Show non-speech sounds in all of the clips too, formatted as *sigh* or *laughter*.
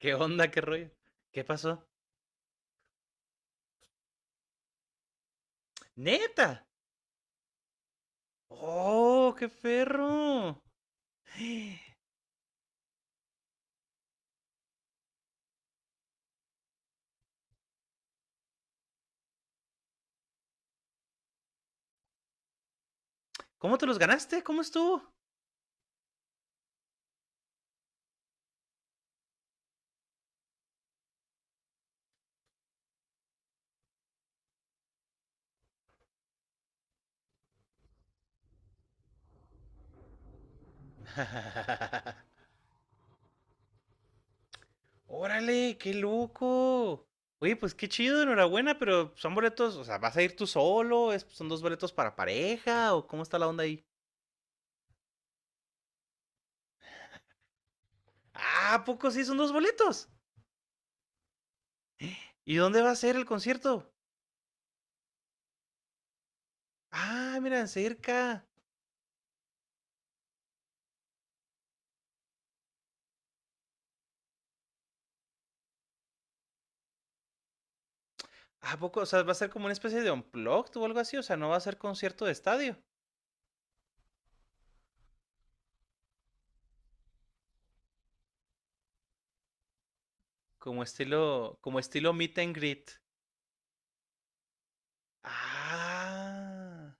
¿Qué onda? ¿Qué rollo? ¿Qué pasó? ¡Neta! ¡Oh, qué perro! ¿Cómo te los ganaste? ¿Cómo estuvo? *laughs* ¡Órale, qué loco! Oye, pues qué chido, enhorabuena, pero son boletos, o sea, ¿vas a ir tú solo? ¿Son dos boletos para pareja? ¿O cómo está la onda ahí? Ah, ¿a poco sí son dos boletos? ¿Y dónde va a ser el concierto? Ah, mira, cerca. ¿A poco? O sea, ¿va a ser como una especie de unplugged o algo así? O sea, ¿no va a ser concierto de estadio? Como estilo meet and greet. Ah.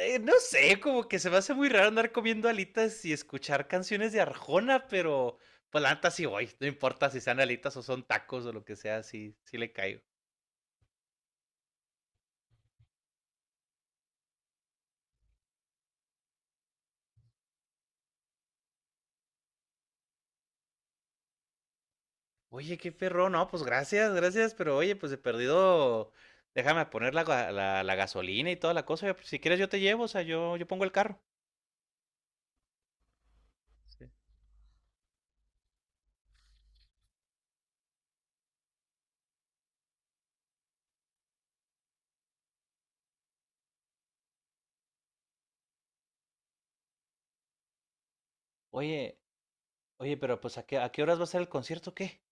No sé, como que se me hace muy raro andar comiendo alitas y escuchar canciones de Arjona, pero pues la neta sí voy. No importa si sean alitas o son tacos o lo que sea, sí, sí le caigo. Oye, qué perro, no, pues gracias, gracias, pero oye, pues he perdido. Déjame poner la gasolina y toda la cosa. Pues, si quieres yo te llevo, o sea, yo pongo el carro. Sí. Oye, oye, pero pues ¿a qué horas va a ser el concierto, o qué?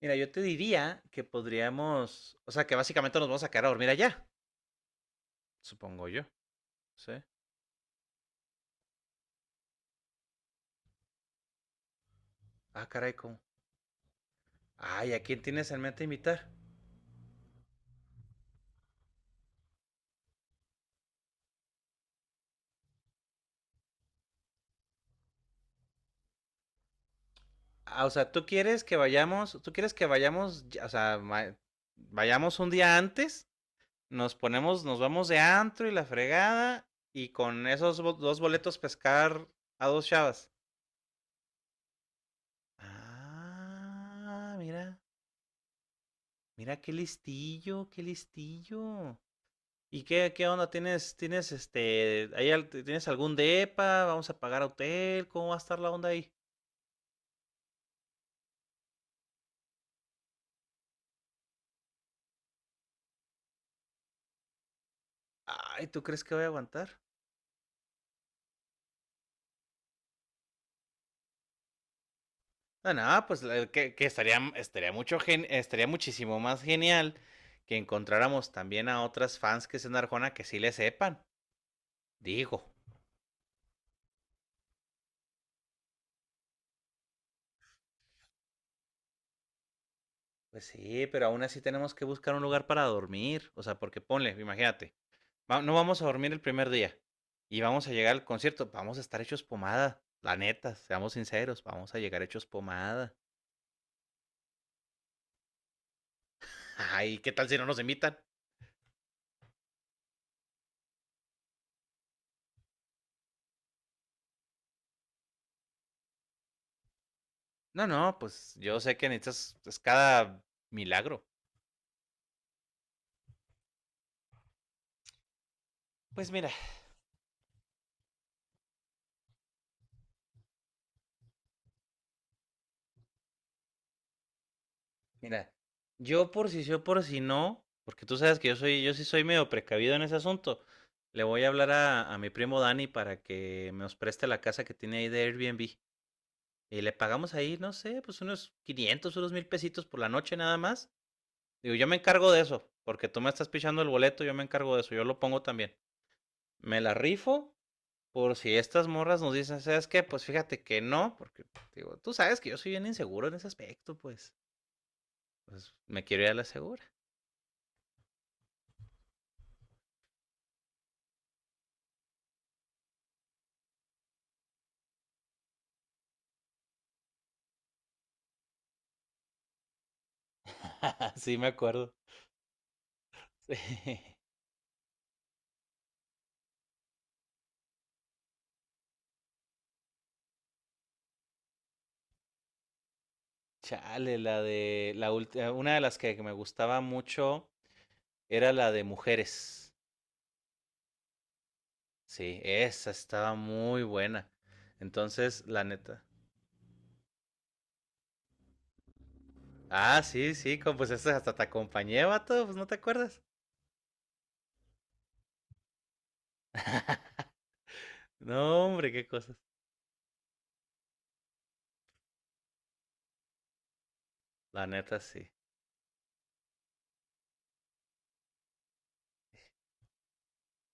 Mira, yo te diría que podríamos, o sea, que básicamente nos vamos a quedar a dormir allá, supongo yo. ¿Sí? Ah, caray, ¿cómo? Ay, ¿a quién tienes en mente invitar? Ah, o sea, tú quieres que vayamos, tú quieres que vayamos, o sea, vayamos un día antes, nos ponemos, nos vamos de antro y la fregada, y con esos dos boletos pescar a dos chavas. Ah, mira, qué listillo. ¿Y qué onda? ¿Tienes, tienes este, ahí al- Tienes algún depa? ¿Vamos a pagar hotel? ¿Cómo va a estar la onda ahí? Ay, ¿tú crees que voy a aguantar? Ah, no, pues la- que estaría, estaría mucho gen- estaría muchísimo más genial que encontráramos también a otras fans que sean de Arjona que sí le sepan. Digo, pues sí, pero aún así tenemos que buscar un lugar para dormir. O sea, porque ponle, imagínate. No vamos a dormir el primer día y vamos a llegar al concierto, vamos a estar hechos pomada, la neta, seamos sinceros, vamos a llegar hechos pomada. Ay, ¿qué tal si no nos invitan? No, no, pues yo sé que necesitas es cada milagro. Pues mira, yo por si sí o por si no, porque tú sabes que yo sí soy medio precavido en ese asunto. Le voy a hablar a mi primo Dani para que nos preste la casa que tiene ahí de Airbnb. Y le pagamos ahí, no sé, pues unos 500 unos 1,000 pesitos por la noche nada más. Digo, yo me encargo de eso, porque tú me estás pichando el boleto, yo me encargo de eso, yo lo pongo también. Me la rifo por si estas morras nos dicen, ¿sabes qué? Pues fíjate que no, porque digo, tú sabes que yo soy bien inseguro en ese aspecto, pues. Pues me quiero ir a la segura. *laughs* Sí, me acuerdo. *laughs* Sí. Chale, la de la última, una de las que me gustaba mucho era la de mujeres. Sí, esa estaba muy buena. Entonces, la neta. Ah, sí, sí, como, pues esa hasta te acompañé, vato, pues no te acuerdas. No, hombre, qué cosas. La neta, sí.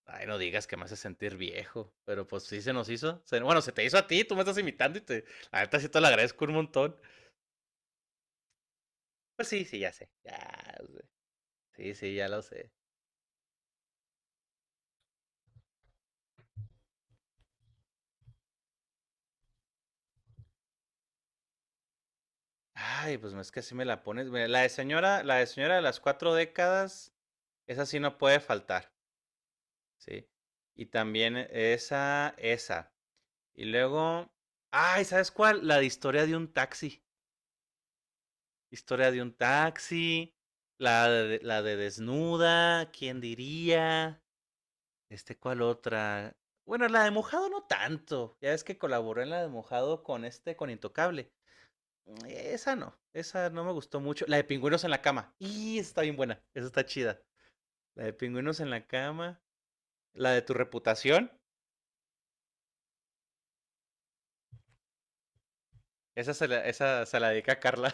Ay, no digas que me hace sentir viejo, pero pues sí se nos hizo. Bueno, se te hizo a ti, tú me estás imitando y te... La neta, sí te lo agradezco un montón. Pues sí, sí, ya sé. Ya sé. Sí, sí, ya lo sé. Ay, pues es que así me la pones. Mira, la de señora de las cuatro décadas, esa sí no puede faltar, ¿sí? Y también esa, esa. Y luego, ay, ¿sabes cuál? La de historia de un taxi. Historia de un taxi, la de desnuda, ¿quién diría? ¿Cuál otra? Bueno, la de mojado no tanto. Ya ves que colaboró en la de mojado con Intocable. Esa no me gustó mucho. La de pingüinos en la cama. Y está bien buena, esa está chida. La de pingüinos en la cama. La de tu reputación. Esa se la dedica a Carla.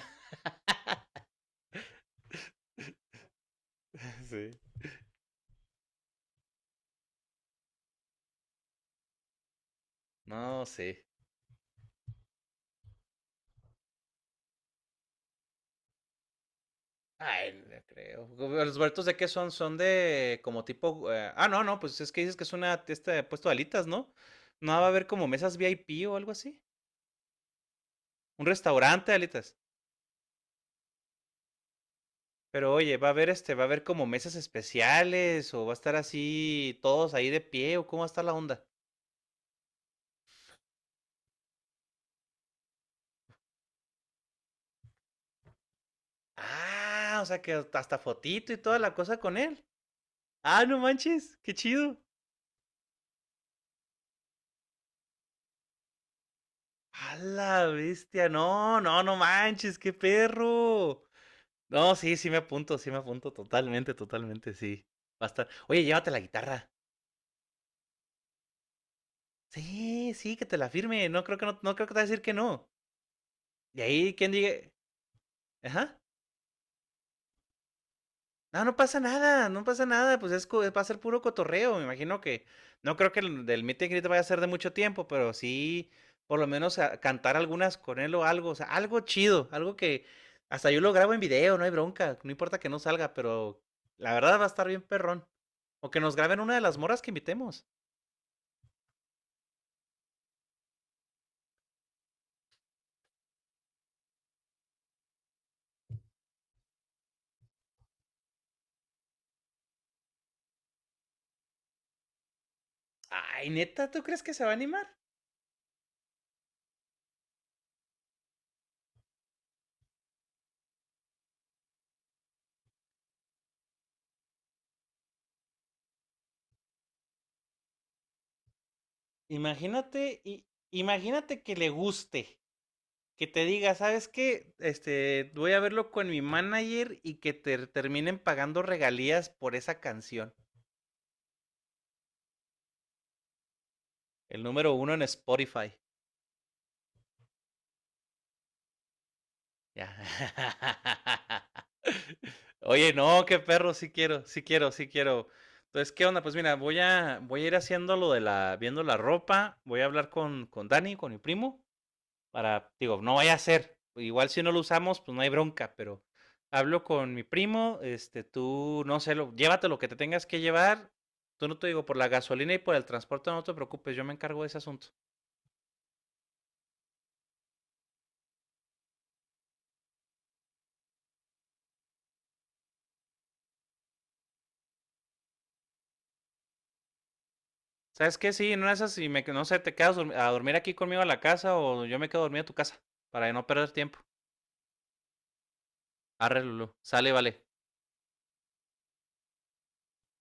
*laughs* Sí. No, sí. Ay, no creo. ¿Los huertos de qué son? Son de como tipo. No, no, pues es que dices que es una puesto de alitas, ¿no? No va a haber como mesas VIP o algo así. Un restaurante de alitas. Pero oye, va a haber como mesas especiales o va a estar así todos ahí de pie o cómo va a estar la onda. Ah, o sea que hasta fotito y toda la cosa con él. Ah, no manches, qué chido. A la bestia, no, no, no manches, qué perro. No, sí, sí me apunto, totalmente, totalmente, sí. Va a estar. Oye, llévate la guitarra. Sí, sí, que te la firme. No creo que no, no creo que te va a decir que no. Y ahí quien diga, ajá. No, no pasa nada, no pasa nada, va a ser puro cotorreo, me imagino que no creo que el del meet and greet vaya a ser de mucho tiempo, pero sí por lo menos cantar algunas con él o algo, o sea, algo chido, algo que hasta yo lo grabo en video, no hay bronca, no importa que no salga, pero la verdad va a estar bien perrón. O que nos graben una de las moras que invitemos. Ay, neta, ¿tú crees que se va a animar? Imagínate, imagínate que le guste, que te diga, ¿sabes qué? Voy a verlo con mi manager y que te terminen pagando regalías por esa canción. El número 1 en Spotify. Ya. *laughs* Oye, no, qué perro, sí quiero, sí quiero, sí quiero. Entonces, ¿qué onda? Pues mira, voy a ir haciendo viendo la ropa, voy a hablar con Dani, con mi primo, para, digo, no vaya a ser. Igual si no lo usamos, pues no hay bronca, pero hablo con mi primo, tú, no sé, llévate lo que te tengas que llevar. Tú no te digo, por la gasolina y por el transporte no te preocupes, yo me encargo de ese asunto. ¿Sabes qué? Sí, no es así, no sé, te quedas a dormir aquí conmigo a la casa o yo me quedo a dormir a tu casa para no perder tiempo. Arréglalo, sale, vale.